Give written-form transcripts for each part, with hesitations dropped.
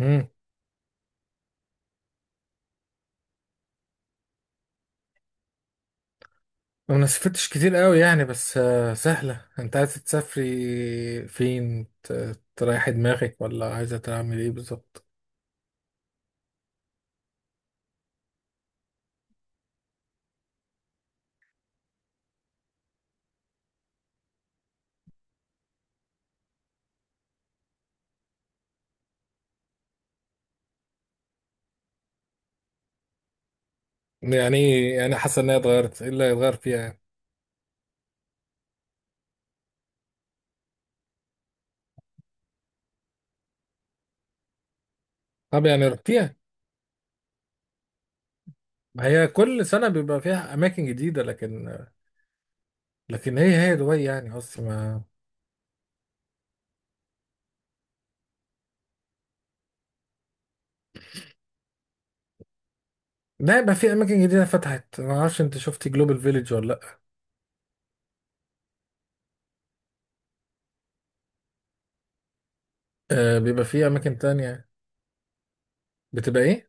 امم ما سافرتش كتير قوي يعني، بس سهلة. انت عايزة تسافري فين؟ تريحي دماغك ولا عايزة تعمل ايه بالظبط؟ يعني ايه يعني حاسة انها اتغيرت؟ ايه اللي هيتغير فيها يعني؟ طب يعني رحتيها؟ ما هي كل سنة بيبقى فيها أماكن جديدة، لكن هي دبي يعني، قصدي ما. لا، يبقى في أماكن جديدة فتحت. ما أعرفش أنت شفتي جلوبال فيليج ولا لأ؟ آه، بيبقى في أماكن تانية. بتبقى إيه؟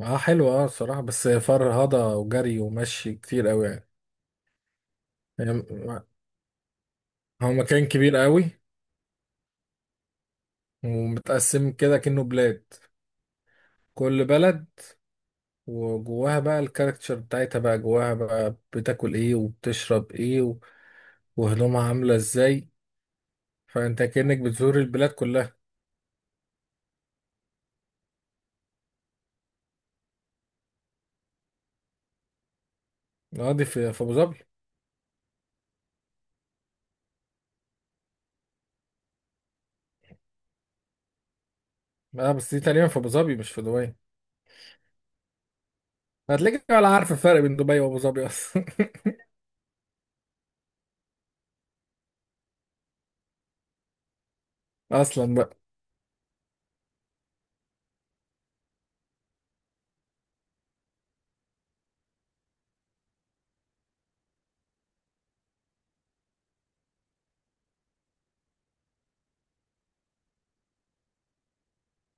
أه حلوة، أه الصراحة، بس فرهضة وجري ومشي كتير أوي يعني. يعني هو مكان كبير قوي، ومتقسم كده كأنه بلاد، كل بلد وجواها بقى الكاركتشر بتاعتها، بقى جواها بقى بتاكل ايه وبتشرب ايه وهدومها عاملة ازاي. فانت كأنك بتزور البلاد كلها. اه دي في ابو ظبي. اه بس دي تقريبا في ابو ظبي مش في دبي. هتلاقيك ولا عارف الفرق بين دبي وابو ظبي اصلا. اصلا بقى.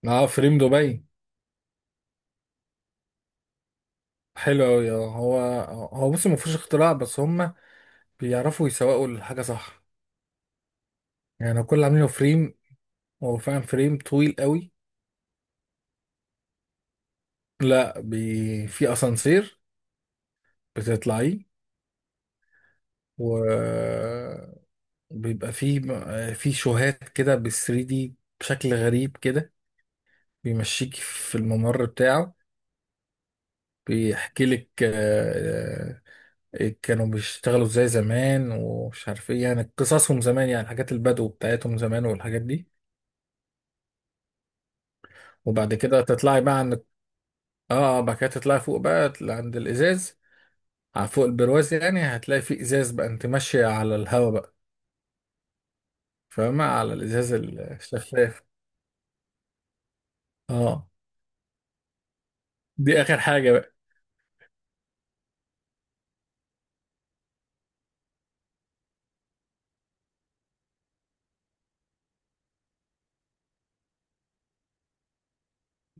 اه فريم دبي. حلو قوي اه. هو هو بص ما فيهوش اختراع، بس هم بيعرفوا يسوقوا الحاجة صح. يعني كل اللي عاملينه فريم، هو فعلا فريم طويل قوي. لا في اسانسير بتطلعيه، وبيبقى فيه، في شوهات كده بال 3 دي بشكل غريب كده، بيمشيك في الممر بتاعه، بيحكي لك. كانوا بيشتغلوا ازاي زمان، ومش عارف ايه، يعني قصصهم زمان، يعني حاجات البدو بتاعتهم زمان والحاجات دي. وبعد كده تطلعي بقى عند، بعد كده تطلعي فوق بقى عند الازاز، على فوق البرواز يعني. هتلاقي فيه ازاز بقى، انت ماشيه على الهواء بقى، فاهمة؟ على الإزاز الشفاف. اه دي آخر حاجة بقى.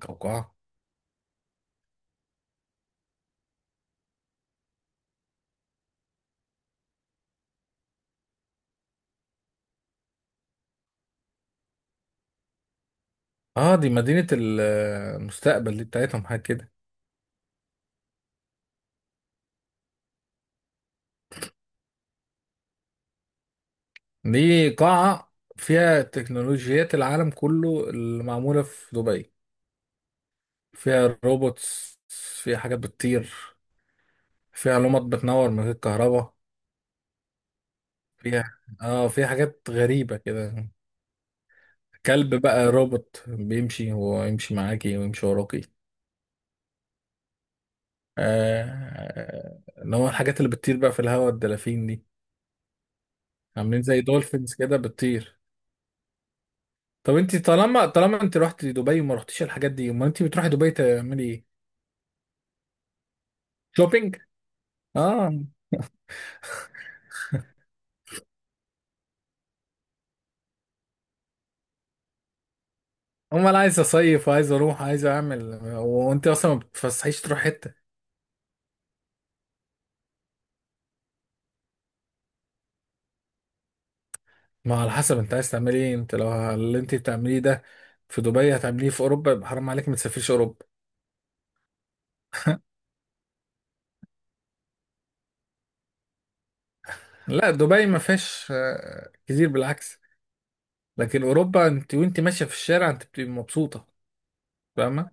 قوقعة؟ اه دي مدينة المستقبل دي، بتاعتهم حاجة كده. دي قاعة فيها تكنولوجيات العالم كله اللي معمولة في دبي. فيها روبوتس، فيها حاجات بتطير، فيها لمبات بتنور من غير كهرباء، فيها اه فيها حاجات غريبة كده. كلب بقى روبوت بيمشي، ويمشي معاكي، ويمشي وراكي. آه، اللي هو الحاجات اللي بتطير بقى في الهواء، الدلافين دي، عاملين زي دولفينز كده بتطير. طب انت، طالما انت رحت دبي وما رحتيش الحاجات دي، امال انت بتروحي دبي تعملي ايه؟ شوبينج؟ اه، امال عايز اصيف، عايز اروح، عايز اعمل. وانت اصلا ما بتفسحيش تروح حته. ما على حسب انت عايز تعملي ايه. انت لو اللي انت بتعمليه ده في دبي هتعمليه في اوروبا، يبقى حرام عليك ما تسافريش اوروبا. لا دبي ما فيهاش كتير، بالعكس. لكن اوروبا انت وانت ماشيه في الشارع انت بتبقي مبسوطه. فاهمه؟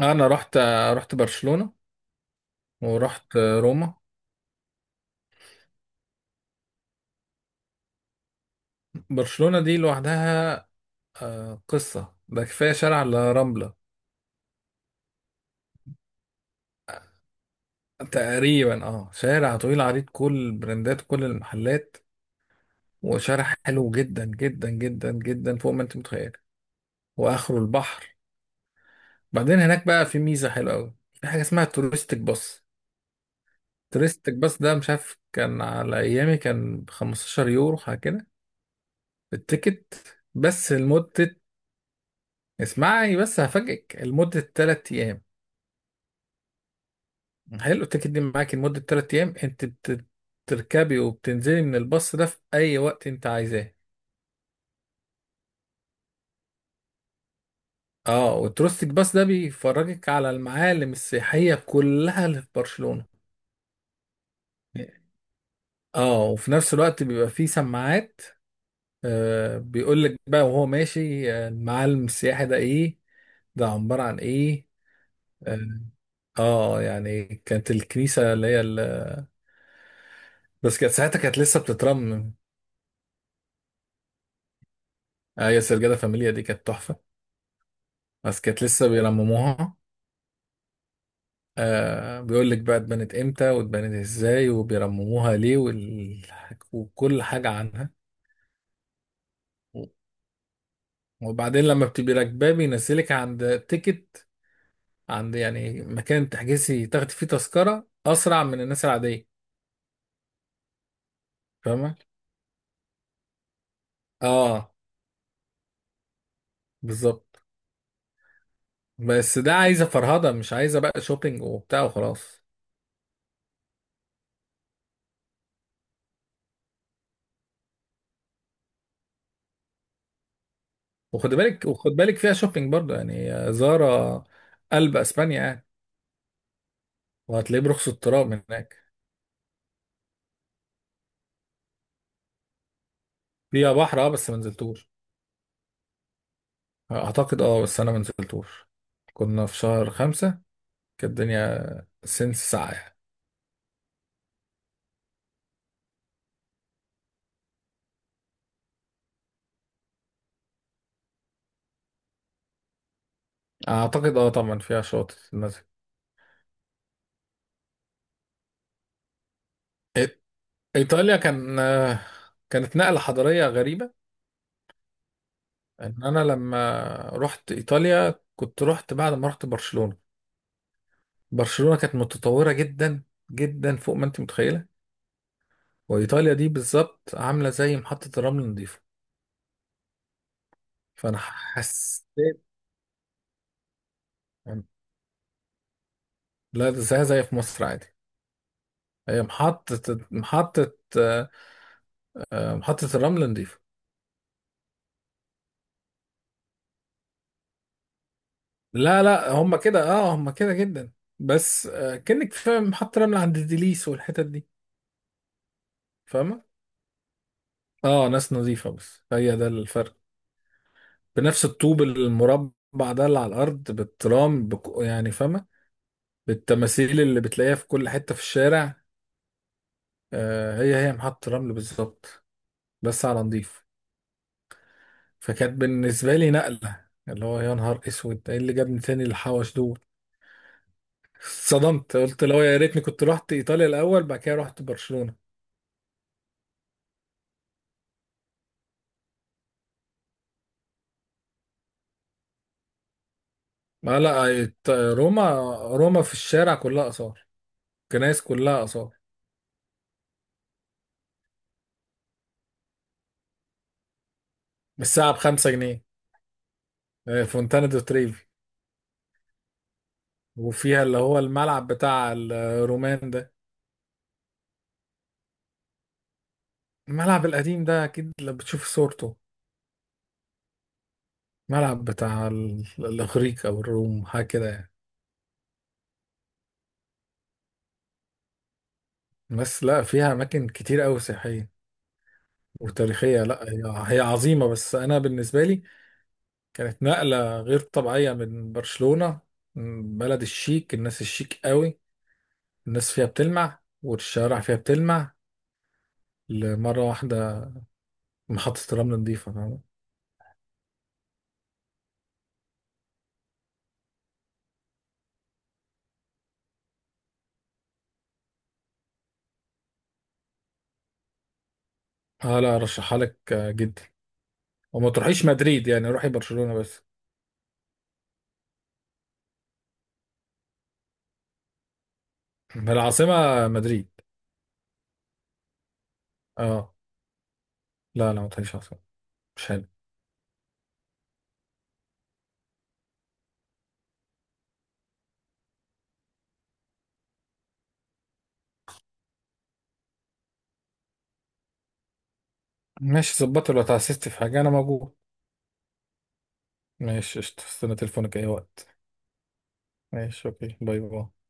انا رحت برشلونه ورحت روما. برشلونة دي لوحدها قصة. ده كفاية شارع الرملة. تقريبا اه شارع طويل عريض، كل البراندات، كل المحلات، وشارع حلو جدا جدا جدا جدا، فوق ما انت متخيل. واخره البحر. بعدين هناك بقى في ميزة حلوة قوي، في حاجة اسمها توريستيك باص. توريستيك باص ده، مش عارف كان على ايامي كان ب 15 يورو حاجة كده، التيكت، بس لمدة، اسمعي بس هفاجئك، لمدة 3 ايام. حلو. التيكت دي معاكي لمدة تلات أيام، أنت بتركبي وبتنزلي من الباص ده في أي وقت أنت عايزاه. اه، وتروستيك باص ده بيفرجك على المعالم السياحية كلها اللي في برشلونة. اه، وفي نفس الوقت بيبقى فيه سماعات، آه بيقول لك بقى وهو ماشي، المعالم السياحي ده ايه، ده عبارة عن ايه. اه يعني كانت الكنيسة اللي هي ال... بس كانت ساعتها كانت لسه بتترمم. آه يا سرجادة فاميليا دي كانت تحفة، بس كانت لسه بيرمموها. آه بيقول لك بقى، اتبنت امتى، واتبنت ازاي، وبيرمموها ليه، وال... وكل حاجة عنها. وبعدين لما بتبقي راكباه بينزلك عند تيكت، عند يعني مكان تحجزي تاخدي فيه تذكرة أسرع من الناس العادية. فاهمة؟ اه بالظبط. بس ده عايزة فرهضة، مش عايزة بقى شوبينج وبتاع وخلاص. وخد بالك، وخد بالك فيها شوبينج برضه يعني، زارة، قلب اسبانيا يعني، وهتلاقيه برخص التراب هناك. فيها بحر اه، بس ما نزلتوش. اعتقد اه، بس انا منزلتوش. كنا في شهر خمسة، كانت الدنيا سنس ساعة يعني. اعتقد اه، طبعا فيها شواطئ المسجد. ايطاليا كان كانت نقلة حضارية غريبة. ان انا لما رحت ايطاليا كنت رحت بعد ما رحت برشلونة. برشلونة كانت متطورة جدا جدا، فوق ما انت متخيلة. وايطاليا دي بالظبط عاملة زي محطة الرمل نظيفة. فانا حسيت، لا زي في مصر عادي. هي محطة، محطة محطة الرمل نضيفة. لا لا، هم كده اه، هم كده جدا، بس كأنك فاهم محطة رمل عند ديليس والحتت دي، فاهمة؟ اه، ناس نظيفة، بس هي ده الفرق. بنفس الطوب المربع ده اللي على الأرض، بالترام يعني فاهمة، بالتماثيل اللي بتلاقيها في كل حتة في الشارع. هي محطة رمل بالظبط، بس على نضيف. فكانت بالنسبة لي نقلة، اللي هو يا نهار اسود ايه اللي جابني تاني الحوش دول. اتصدمت، قلت لو يا ريتني كنت رحت ايطاليا الاول بعد كده رحت برشلونة. ما لا روما، روما في الشارع كلها آثار، كنايس كلها آثار. بالساعة بخمسة جنيه. فونتانا دو تريفي. وفيها اللي هو الملعب بتاع الرومان ده. الملعب القديم ده أكيد لو بتشوف صورته، ملعب بتاع الإغريق أو الروم حاجة كده يعني. بس لا فيها أماكن كتير أوي سياحية وتاريخية. لا هي عظيمة، بس أنا بالنسبة لي كانت نقلة غير طبيعية من برشلونة، من بلد الشيك، الناس الشيك قوي، الناس فيها بتلمع والشوارع فيها بتلمع. لمرة واحدة محطة الرمل نظيفة، فاهم؟ اه لا ارشحها لك جدا. وما تروحيش مدريد يعني، روحي برشلونة بس. العاصمة مدريد. اه لا لا، ما تروحيش عاصمة، مش حلو. ماشي، ظبطي لو تعسست في حاجة انا موجود. ماشي قشطة. استنى تليفونك اي وقت. ماشي اوكي، باي باي.